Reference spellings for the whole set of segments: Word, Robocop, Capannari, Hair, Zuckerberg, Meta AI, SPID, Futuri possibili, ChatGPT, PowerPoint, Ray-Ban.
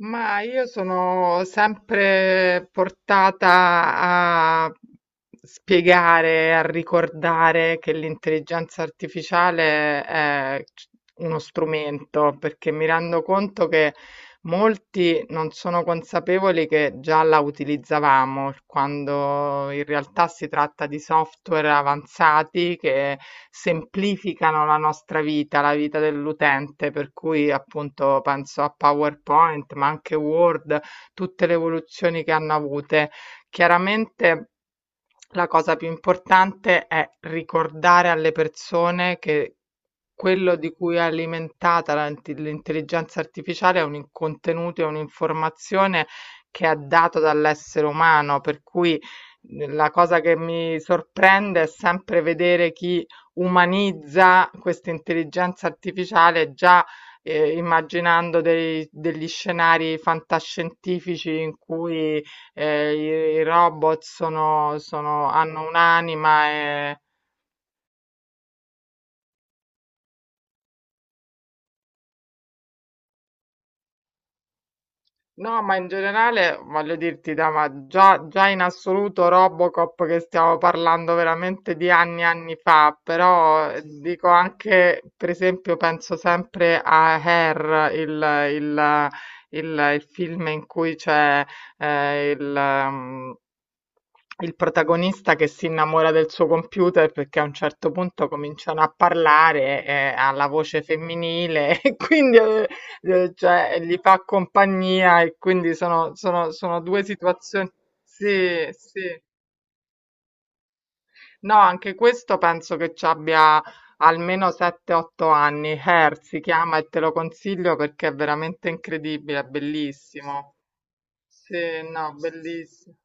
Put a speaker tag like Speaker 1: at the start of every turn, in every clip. Speaker 1: Ma io sono sempre portata a spiegare, a ricordare che l'intelligenza artificiale è uno strumento, perché mi rendo conto che molti non sono consapevoli che già la utilizzavamo, quando in realtà si tratta di software avanzati che semplificano la nostra vita, la vita dell'utente, per cui appunto penso a PowerPoint, ma anche Word, tutte le evoluzioni che hanno avute. Chiaramente la cosa più importante è ricordare alle persone che quello di cui è alimentata l'intelligenza artificiale è contenuto, è un'informazione che è dato dall'essere umano, per cui la cosa che mi sorprende è sempre vedere chi umanizza questa intelligenza artificiale già, immaginando degli scenari fantascientifici in cui eh, i robot hanno un'anima e... No, ma in generale voglio dirti, ma già, già in assoluto Robocop, che stiamo parlando veramente di anni e anni fa, però dico anche, per esempio, penso sempre a Hair, il film in cui c'è eh, il... ehm, il protagonista che si innamora del suo computer perché a un certo punto cominciano a parlare, ha la voce femminile e quindi cioè, gli fa compagnia, e quindi sono due situazioni. Sì, sì. No, anche questo penso che ci abbia almeno 7-8 anni. Hair si chiama, e te lo consiglio perché è veramente incredibile, è bellissimo. Sì, no, bellissimo.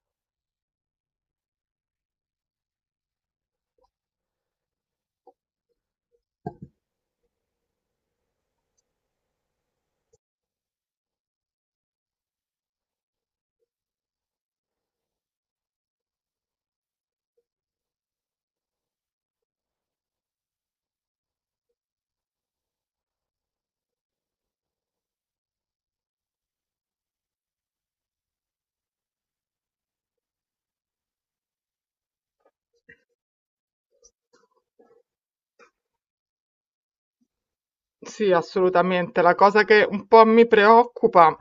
Speaker 1: Sì, assolutamente. La cosa che un po' mi preoccupa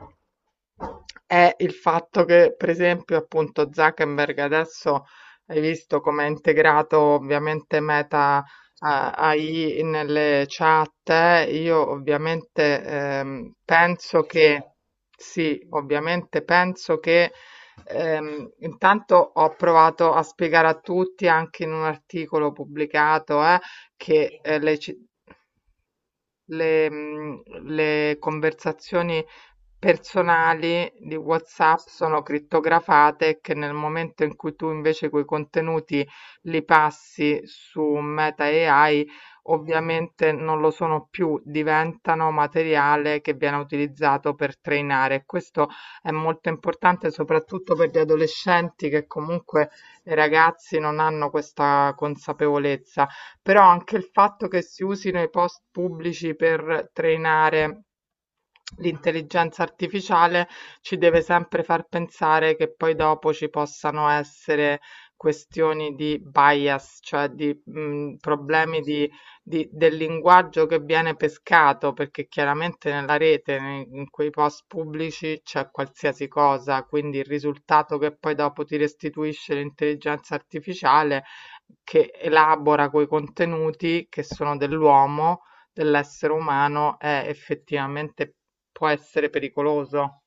Speaker 1: è il fatto che, per esempio, appunto Zuckerberg adesso, hai visto come ha integrato ovviamente Meta AI nelle chat. Io ovviamente penso che sì, ovviamente penso che intanto ho provato a spiegare a tutti, anche in un articolo pubblicato, che le ci- le, mhmm, le conversazioni personali di WhatsApp sono crittografate, che nel momento in cui tu invece quei contenuti li passi su Meta AI, ovviamente non lo sono più, diventano materiale che viene utilizzato per trainare. Questo è molto importante soprattutto per gli adolescenti, che comunque i ragazzi non hanno questa consapevolezza. Però anche il fatto che si usino i post pubblici per trainare l'intelligenza artificiale ci deve sempre far pensare che poi dopo ci possano essere questioni di bias, cioè di problemi del linguaggio che viene pescato, perché chiaramente nella rete, in quei post pubblici c'è qualsiasi cosa, quindi il risultato che poi dopo ti restituisce l'intelligenza artificiale, che elabora quei contenuti che sono dell'uomo, dell'essere umano, è effettivamente, può essere pericoloso.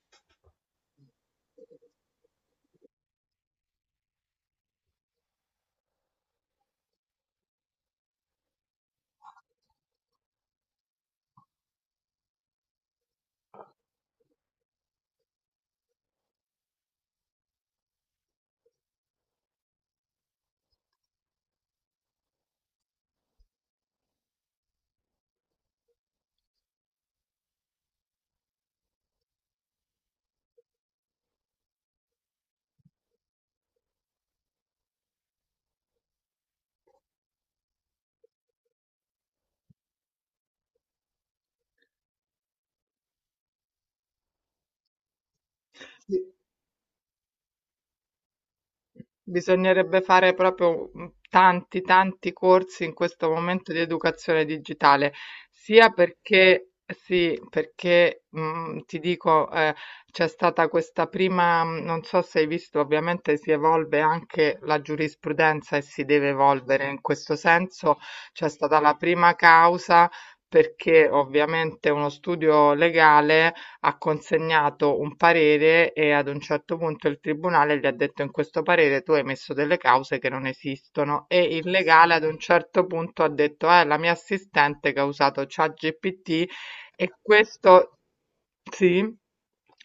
Speaker 1: Sì. Bisognerebbe fare proprio tanti, tanti corsi in questo momento di educazione digitale, sia perché sì, perché ti dico, c'è stata questa prima, non so se hai visto, ovviamente si evolve anche la giurisprudenza e si deve evolvere in questo senso, c'è stata la prima causa perché ovviamente uno studio legale ha consegnato un parere, e ad un certo punto il tribunale gli ha detto, in questo parere tu hai messo delle cause che non esistono, e il legale ad un certo punto ha detto è la mia assistente che ha usato ChatGPT, e questo sì.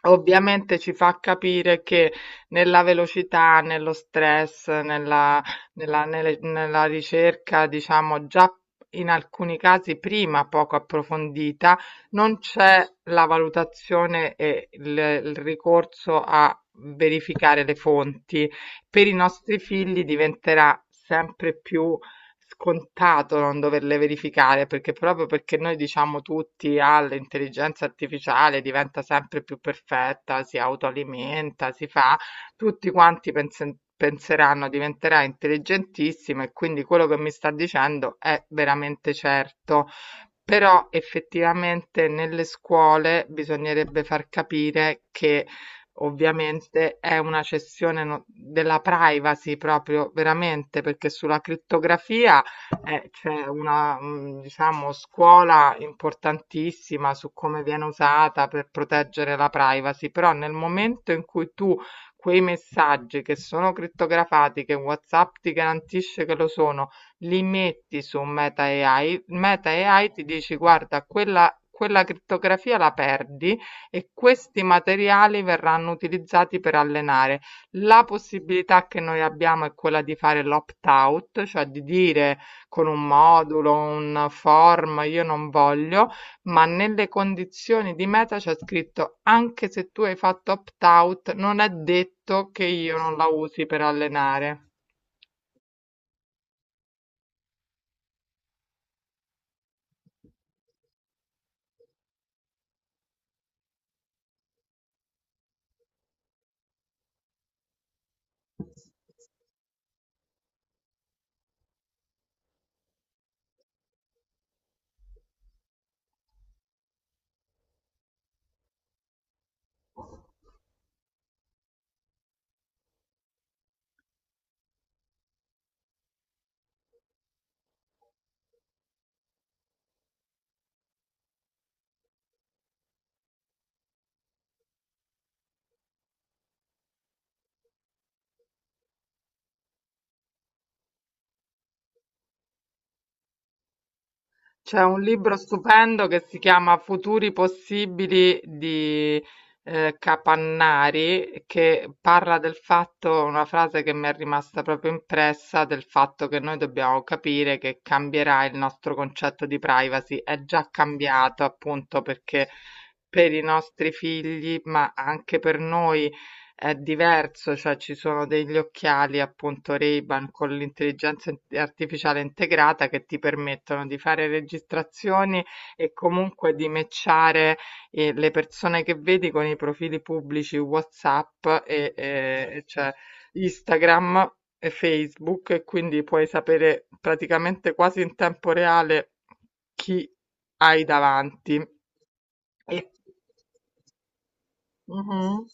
Speaker 1: Ovviamente ci fa capire che nella velocità, nello stress, nella ricerca, diciamo già in alcuni casi prima poco approfondita, non c'è la valutazione e il ricorso a verificare le fonti. Per i nostri figli diventerà sempre più scontato non doverle verificare, perché, proprio perché noi diciamo tutti all'intelligenza artificiale, diventa sempre più perfetta, si autoalimenta, si fa, tutti quanti penseranno diventerà intelligentissima e quindi quello che mi sta dicendo è veramente certo. Però effettivamente nelle scuole bisognerebbe far capire che ovviamente è una cessione della privacy, proprio veramente, perché sulla crittografia c'è una, diciamo, scuola importantissima su come viene usata per proteggere la privacy, però nel momento in cui tu quei messaggi che sono crittografati, che WhatsApp ti garantisce che lo sono, li metti su MetaAI, MetaAI ti dici guarda, quella crittografia la perdi e questi materiali verranno utilizzati per allenare. La possibilità che noi abbiamo è quella di fare l'opt-out, cioè di dire, con un modulo, un form, io non voglio, ma nelle condizioni di meta c'è scritto, anche se tu hai fatto opt-out, non è detto che io non la usi per allenare. C'è un libro stupendo che si chiama Futuri possibili di Capannari, che parla del fatto, una frase che mi è rimasta proprio impressa, del fatto che noi dobbiamo capire che cambierà il nostro concetto di privacy. È già cambiato appunto, perché per i nostri figli, ma anche per noi, è diverso, cioè ci sono degli occhiali, appunto Ray-Ban, con l'intelligenza artificiale integrata, che ti permettono di fare registrazioni, e comunque di matchare le persone che vedi con i profili pubblici WhatsApp e cioè Instagram e Facebook, e quindi puoi sapere praticamente quasi in tempo reale chi hai davanti. E Mhm.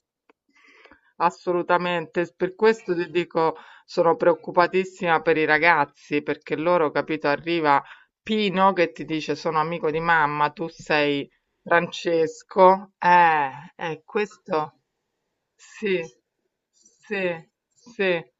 Speaker 1: Assolutamente, per questo ti dico, sono preoccupatissima per i ragazzi, perché loro, capito, arriva Pino che ti dice sono amico di mamma, tu sei Francesco. Questo sì, sì, sì.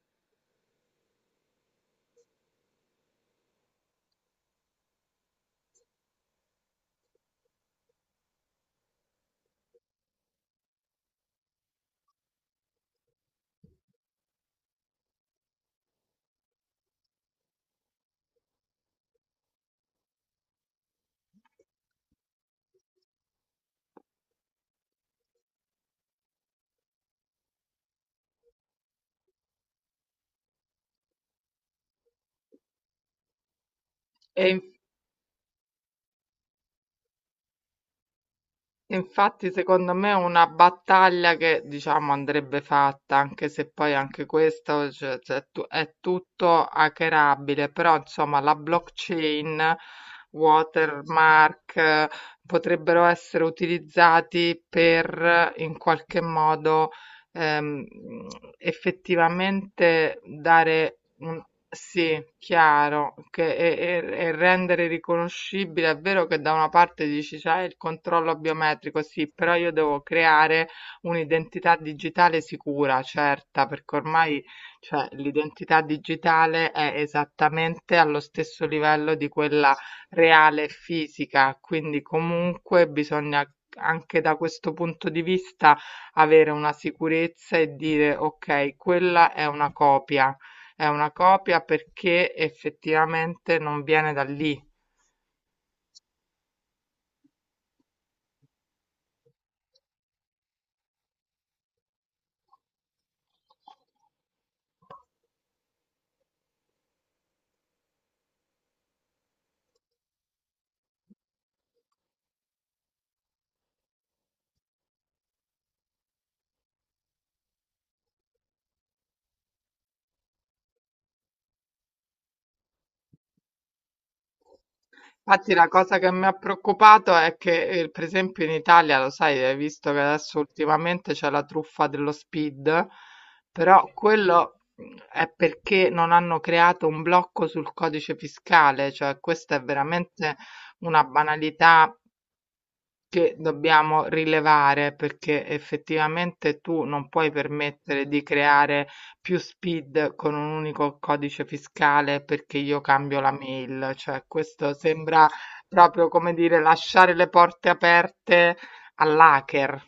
Speaker 1: E, in- Infatti, secondo me è una battaglia che, diciamo, andrebbe fatta, anche se poi anche questo, cioè, è tutto hackerabile, però insomma la blockchain, watermark, potrebbero essere utilizzati per, in qualche modo, ehm, effettivamente dare un, sì, chiaro, che e rendere riconoscibile. È vero che da una parte dici c'è il controllo biometrico, sì, però io devo creare un'identità digitale sicura, certa, perché ormai, cioè, l'identità digitale è esattamente allo stesso livello di quella reale e fisica, quindi comunque bisogna anche da questo punto di vista avere una sicurezza e dire ok, quella è una copia. È una copia perché effettivamente non viene da lì. Infatti la cosa che mi ha preoccupato è che, per esempio, in Italia, lo sai, hai visto che adesso ultimamente c'è la truffa dello Speed, però quello è perché non hanno creato un blocco sul codice fiscale, cioè questa è veramente una banalità che dobbiamo rilevare, perché effettivamente tu non puoi permettere di creare più SPID con un unico codice fiscale perché io cambio la mail, cioè questo sembra proprio, come dire, lasciare le porte aperte all'hacker.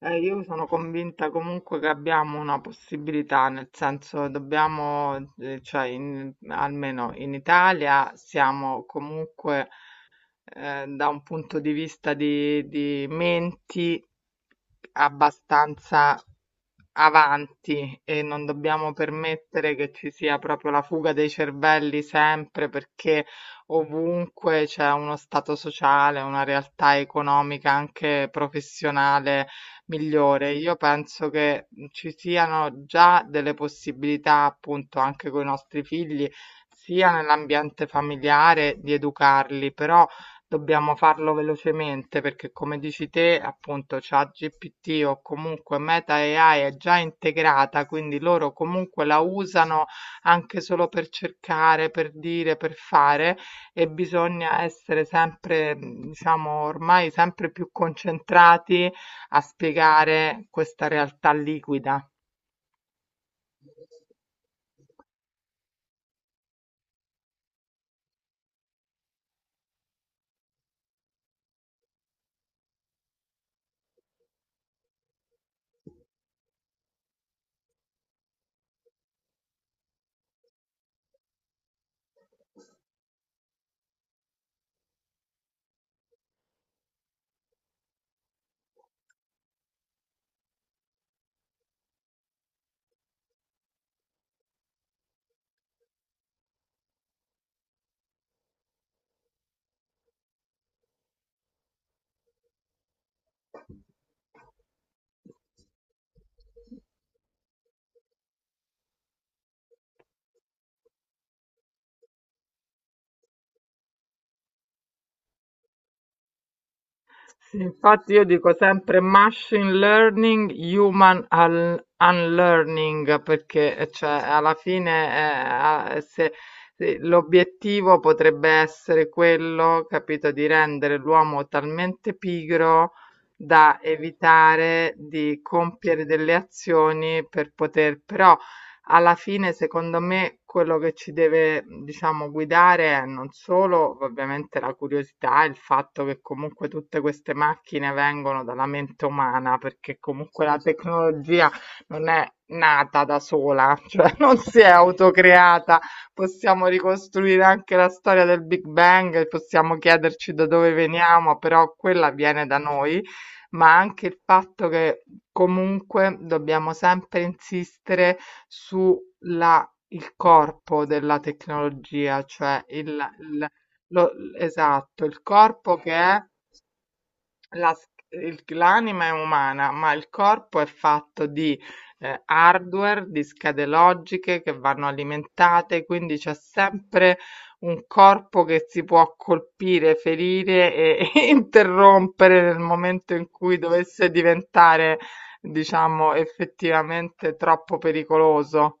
Speaker 1: Io sono convinta comunque che abbiamo una possibilità, nel senso dobbiamo, almeno in Italia siamo comunque, da un punto di vista di menti, abbastanza avanti, e non dobbiamo permettere che ci sia proprio la fuga dei cervelli, sempre perché ovunque c'è uno stato sociale, una realtà economica, anche professionale, migliore. Io penso che ci siano già delle possibilità, appunto, anche con i nostri figli, sia nell'ambiente familiare, di educarli, però dobbiamo farlo velocemente, perché come dici te, appunto, ChatGPT, o comunque Meta AI, è già integrata, quindi loro comunque la usano anche solo per cercare, per dire, per fare, e bisogna essere sempre, diciamo, ormai sempre più concentrati a spiegare questa realtà liquida. Infatti io dico sempre machine learning, human unlearning, perché cioè, alla fine, a- eh, se- l'obiettivo potrebbe essere quello, capito, di rendere l'uomo talmente pigro da evitare di compiere delle azioni, per poter, però, alla fine, secondo me, quello che ci deve, diciamo, guidare è, non solo ovviamente la curiosità, il fatto che comunque tutte queste macchine vengono dalla mente umana, perché comunque la tecnologia non è nata da sola, cioè non si è autocreata. Possiamo ricostruire anche la storia del Big Bang, possiamo chiederci da dove veniamo, però quella viene da noi, ma anche il fatto che comunque dobbiamo sempre insistere sulla, il corpo della tecnologia, cioè il- lo- esatto, il corpo che è la, s il l'anima è umana, ma il corpo è fatto di, hardware, di schede logiche che vanno alimentate, quindi c'è sempre un corpo che si può colpire, ferire, e e interrompere nel momento in cui dovesse diventare, diciamo, effettivamente troppo pericoloso.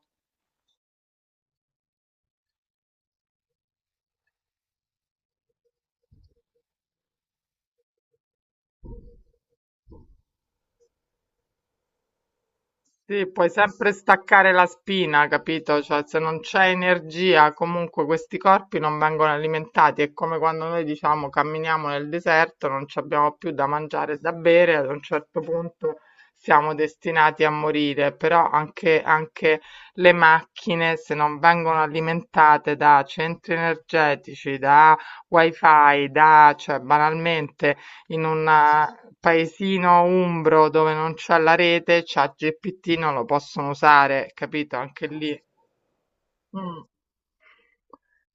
Speaker 1: Sì, puoi sempre staccare la spina, capito? Cioè, se non c'è energia, comunque questi corpi non vengono alimentati. È come quando noi diciamo camminiamo nel deserto, non ci abbiamo più da mangiare e da bere, ad un certo punto siamo destinati a morire. Però anche le macchine, se non vengono alimentate da centri energetici, da wifi, cioè, banalmente in un paesino umbro dove non c'ha la rete, c'ha GPT, non lo possono usare, capito? Anche lì. Mm,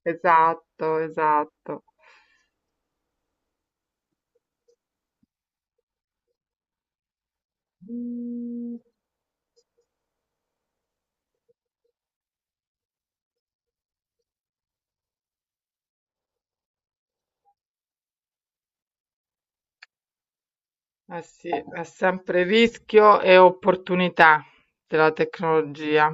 Speaker 1: esatto, esatto. Mm, Eh sì, è sempre rischio e opportunità della tecnologia.